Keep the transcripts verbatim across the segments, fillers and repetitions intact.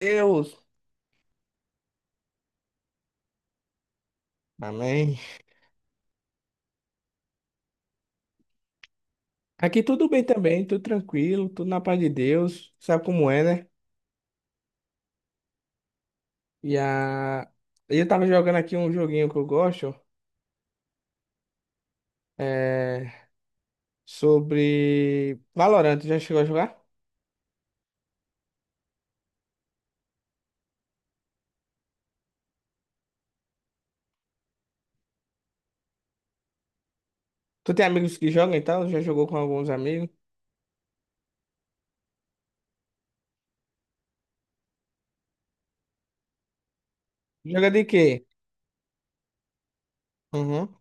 Deus. Amém. Aqui tudo bem também, tudo tranquilo, tudo na paz de Deus. Sabe como é, né? E a... eu tava jogando aqui um joguinho que eu gosto, é... sobre Valorant. Já chegou a jogar? Tu tem amigos que jogam e tal? Já jogou com alguns amigos? Joga de quê? Uhum.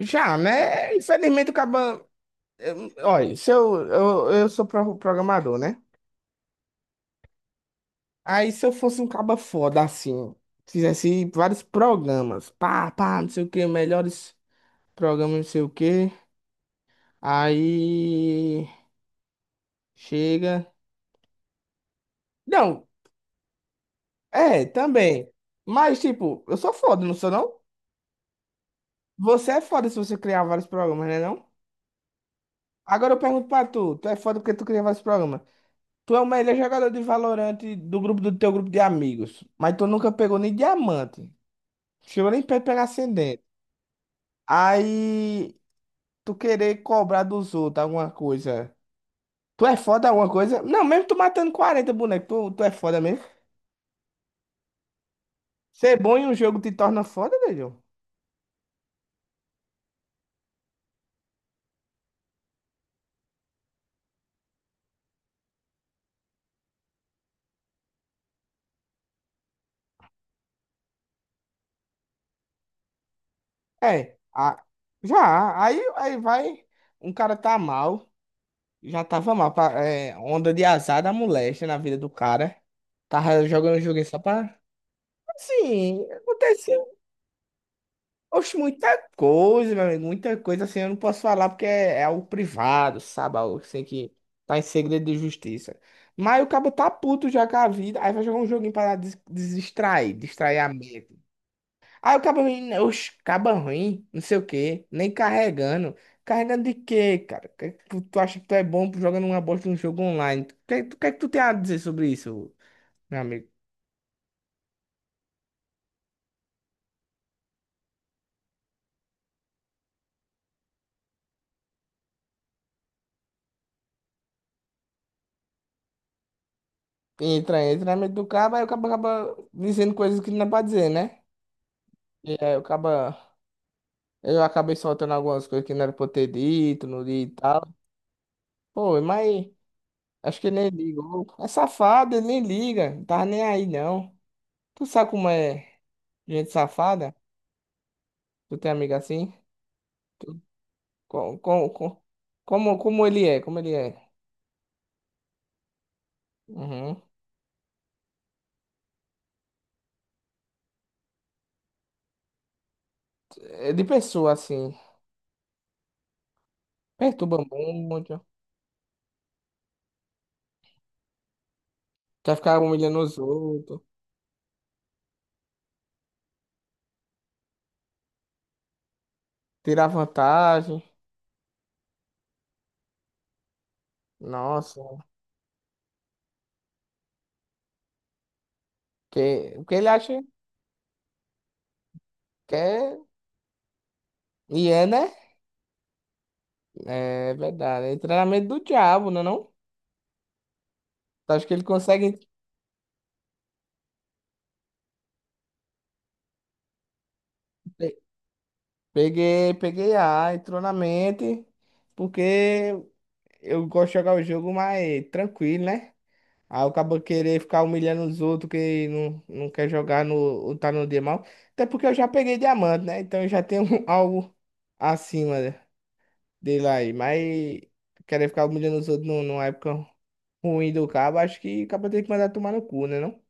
Já, né? Infelizmente, o acaba. Olha, se eu, eu, eu sou pro- programador, né? Aí se eu fosse um caba foda assim, fizesse vários programas, pá, pá, não sei o que, melhores. Programa não sei o quê. Aí chega. Não, é, também. Mas, tipo, eu sou foda, não sou não? Você é foda se você criar vários programas, né não? Agora eu pergunto pra tu, tu é foda porque tu cria vários programas. Tu é o melhor jogador de Valorant do grupo do teu grupo de amigos, mas tu nunca pegou nem diamante. Chegou nem perto de pegar ascendente. Aí tu querer cobrar dos outros alguma coisa. Tu é foda alguma coisa? Não, mesmo tu matando quarenta bonecos, tu, tu é foda mesmo. Ser bom em um jogo te torna foda, velho. É, a- já. Aí, aí vai. Um cara tá mal. Já tava mal. Pra- é, onda de azar da moléstia na vida do cara. Tava jogando um joguinho só pra. Assim, aconteceu. Oxe, muita coisa, meu amigo. Muita coisa assim. Eu não posso falar porque é, é algo privado, sabe? Algo assim que tá em segredo de justiça. Mas o cabo tá puto já com a vida. Aí vai jogar um joguinho pra des- distrair, distrair a mente. Aí o cabo ruim, né? Oxe, caba ruim, não sei o quê, nem carregando. Carregando de quê, cara? Que é que Tu tu acha que tu é bom jogando uma bosta num jogo online? O que, tu- que é que tu tem a dizer sobre isso, meu amigo? Entra, entra na mente do cabo, aí o cabo acaba dizendo coisas que não é pra dizer, né? E aí o cabo, eu acabei soltando algumas coisas que não era pra eu ter dito, não li e tal. Pô, mas acho que ele nem liga. Ô, é safado, ele nem liga, não tá nem aí não. Tu sabe como é gente safada? Tu tem amiga assim? Co- co- co- Como, como ele é, como ele é. Uhum. É de pessoa, assim. Perturba muito. Quer ficar humilhando os outros. Tirar vantagem. Nossa. Que, o que ele acha que é. E é, né? É verdade. É treinamento do diabo, não é não? Acho que ele consegue. pe- Peguei, peguei A, entrou na mente. Porque eu gosto de jogar o jogo mais tranquilo, né? Aí o cabo querer ficar humilhando os outros que não, não quer jogar no, ou tá no dia mal. Até porque eu já peguei diamante, né? Então eu já tenho algo acima dele aí. Mas querer ficar humilhando os outros nu- numa época ruim do cabo, acho que o cabo tem que mandar tomar no cu, né? Não?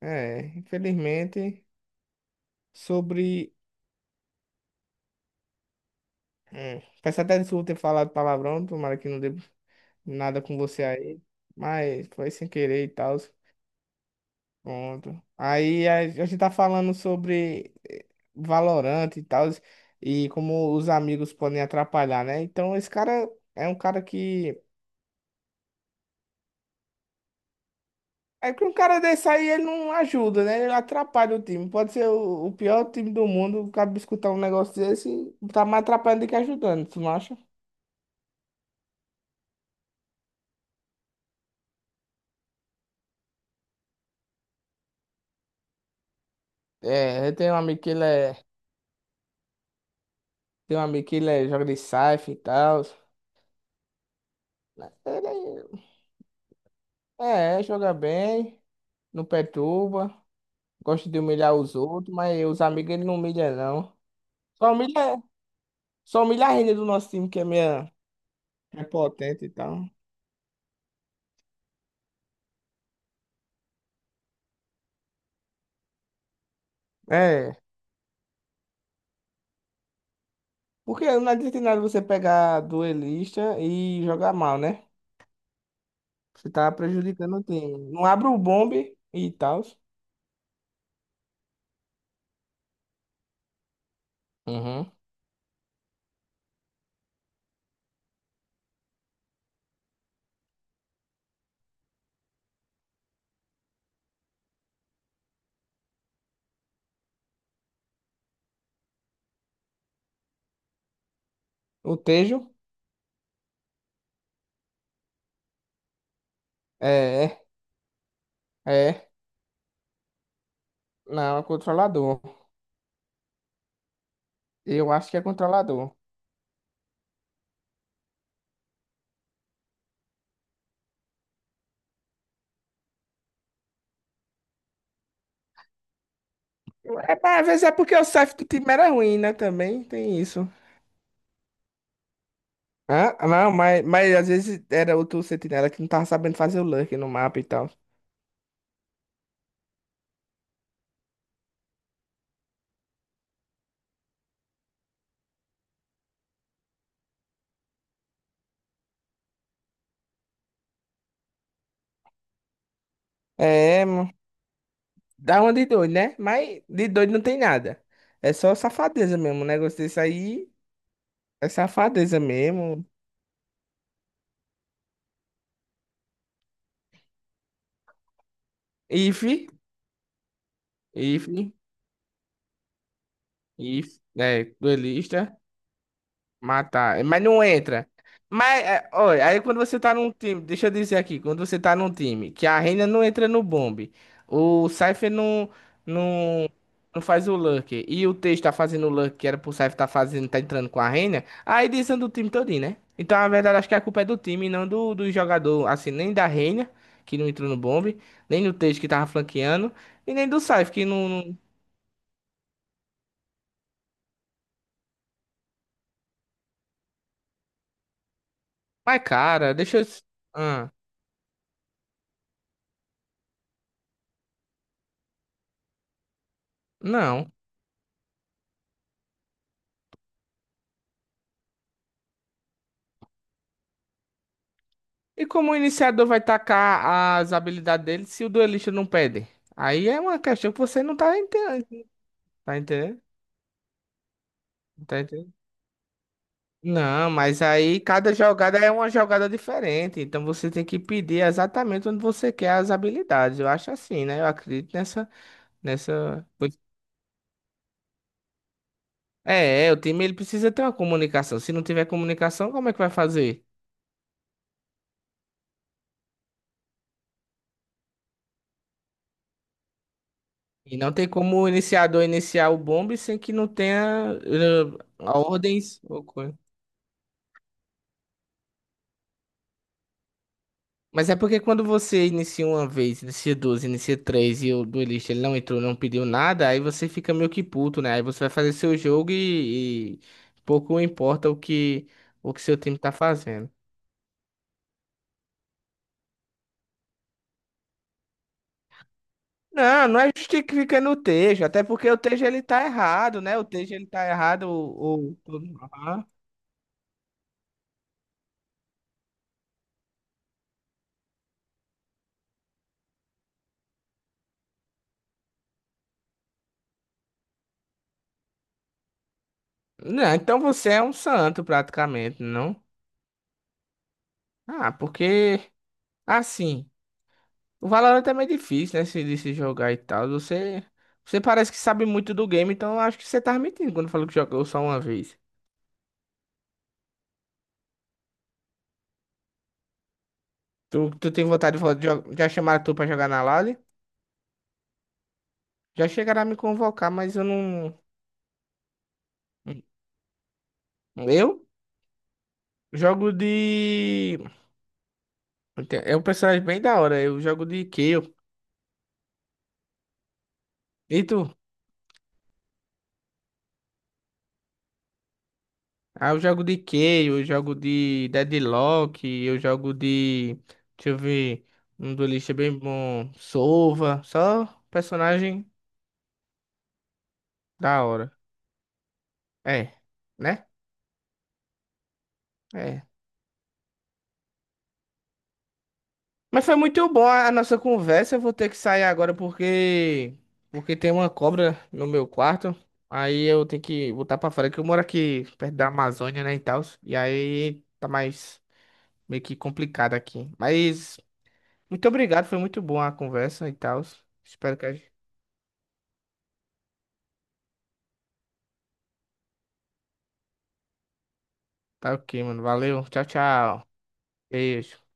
É, infelizmente, sobre. Hum, peço até desculpa ter falado palavrão, tomara que não dê nada com você aí. Mas foi sem querer e tal. Pronto. Aí a a gente tá falando sobre eh, Valorant e tal, e como os amigos podem atrapalhar, né? Então esse cara é um cara que. É que um cara desse aí ele não ajuda, né? Ele atrapalha o time. Pode ser o, o pior time do mundo, o cara escutar um negócio desse, tá mais atrapalhando do que ajudando, tu não acha? É, eu tenho um amigo que ele é. Tem um amigo que ele é, joga de Scythe e tal. Ele é, é, joga bem, não perturba. Gosta de humilhar os outros, mas os amigos ele não humilha, não. Só humilha, só humilha a renda do nosso time, que é meia é potente e tal. É. Porque não adianta nada você pegar duelista e jogar mal, né? Você tá prejudicando o time. Não abre o bombe e tal. Uhum. O Tejo? É, é. Não, é controlador. Eu acho que é controlador. É, mas às vezes é porque o safe do time era ruim, né? Também tem isso. Ah, não, mas, mas às vezes era outro sentinela que não tava sabendo fazer o lurk no mapa e tal. É, mano, dá uma de doido, né? Mas de doido não tem nada. É só safadeza mesmo. O negócio desse aí é safadeza mesmo. If, if, if, é, duelista. Matar, mas não entra. Mas, é, olha, aí quando você tá num time, deixa eu dizer aqui, quando você tá num time que a Reina não entra no bombe, o Cypher não, não, não faz o Lurker, e o teixe tá fazendo o Lurker que era pro Cypher tá fazendo, tá entrando com a Reina, aí desanda o time todinho, né? Então, na verdade, acho que a culpa é do time, e não do, do jogador, assim, nem da Reina, que não entrou no bombe, nem do teixe que tava flanqueando, e nem do Cypher, que não... não... Mas, cara, deixa eu... Ah, não. E como o iniciador vai tacar as habilidades dele se o duelista não pede? Aí é uma questão que você não tá entendendo. Tá entendendo? Tá entendendo? Não, mas aí cada jogada é uma jogada diferente. Então você tem que pedir exatamente onde você quer as habilidades. Eu acho assim, né? Eu acredito nessa, nessa... coisa. É, é, o time ele precisa ter uma comunicação. Se não tiver comunicação, como é que vai fazer? E não tem como o iniciador iniciar o bombe sem que não tenha eh, ordens ou coisa. Mas é porque quando você inicia uma vez, inicia duas, inicia três e o duelista ele não entrou, não pediu nada, aí você fica meio que puto, né? Aí você vai fazer seu jogo e, e pouco importa o que o que seu time tá fazendo. Não, não é justificando o Tejo, até porque o Tejo ele tá errado, né? O Tejo ele tá errado, o, o... o- Aham. Não, então você é um santo praticamente, não? Ah, porque assim. O Valorant é meio difícil, né? Se, de se jogar e tal. Você, você parece que sabe muito do game, então eu acho que você tá mentindo quando falou que jogou só uma vez. Tu, tu tem vontade de falar, de jo- já chamaram tu pra jogar na LAN? Já chegaram a me convocar, mas eu não. Eu jogo de. É um personagem bem da hora. Eu jogo de Kayle. E tu? Ah, eu jogo de Kayle, eu jogo de Deadlock, eu jogo de. Deixa eu ver. Um duelista bem bom. Sova. Só personagem da hora. É, né? É. Mas foi muito bom a a nossa conversa. Eu vou ter que sair agora porque porque tem uma cobra no meu quarto. Aí eu tenho que voltar pra fora que eu moro aqui perto da Amazônia, né, e tal. E aí tá mais meio que complicado aqui. Mas muito obrigado, foi muito bom a conversa e tal. Espero que a gente tá ok, mano. Valeu. Tchau, tchau. Beijo.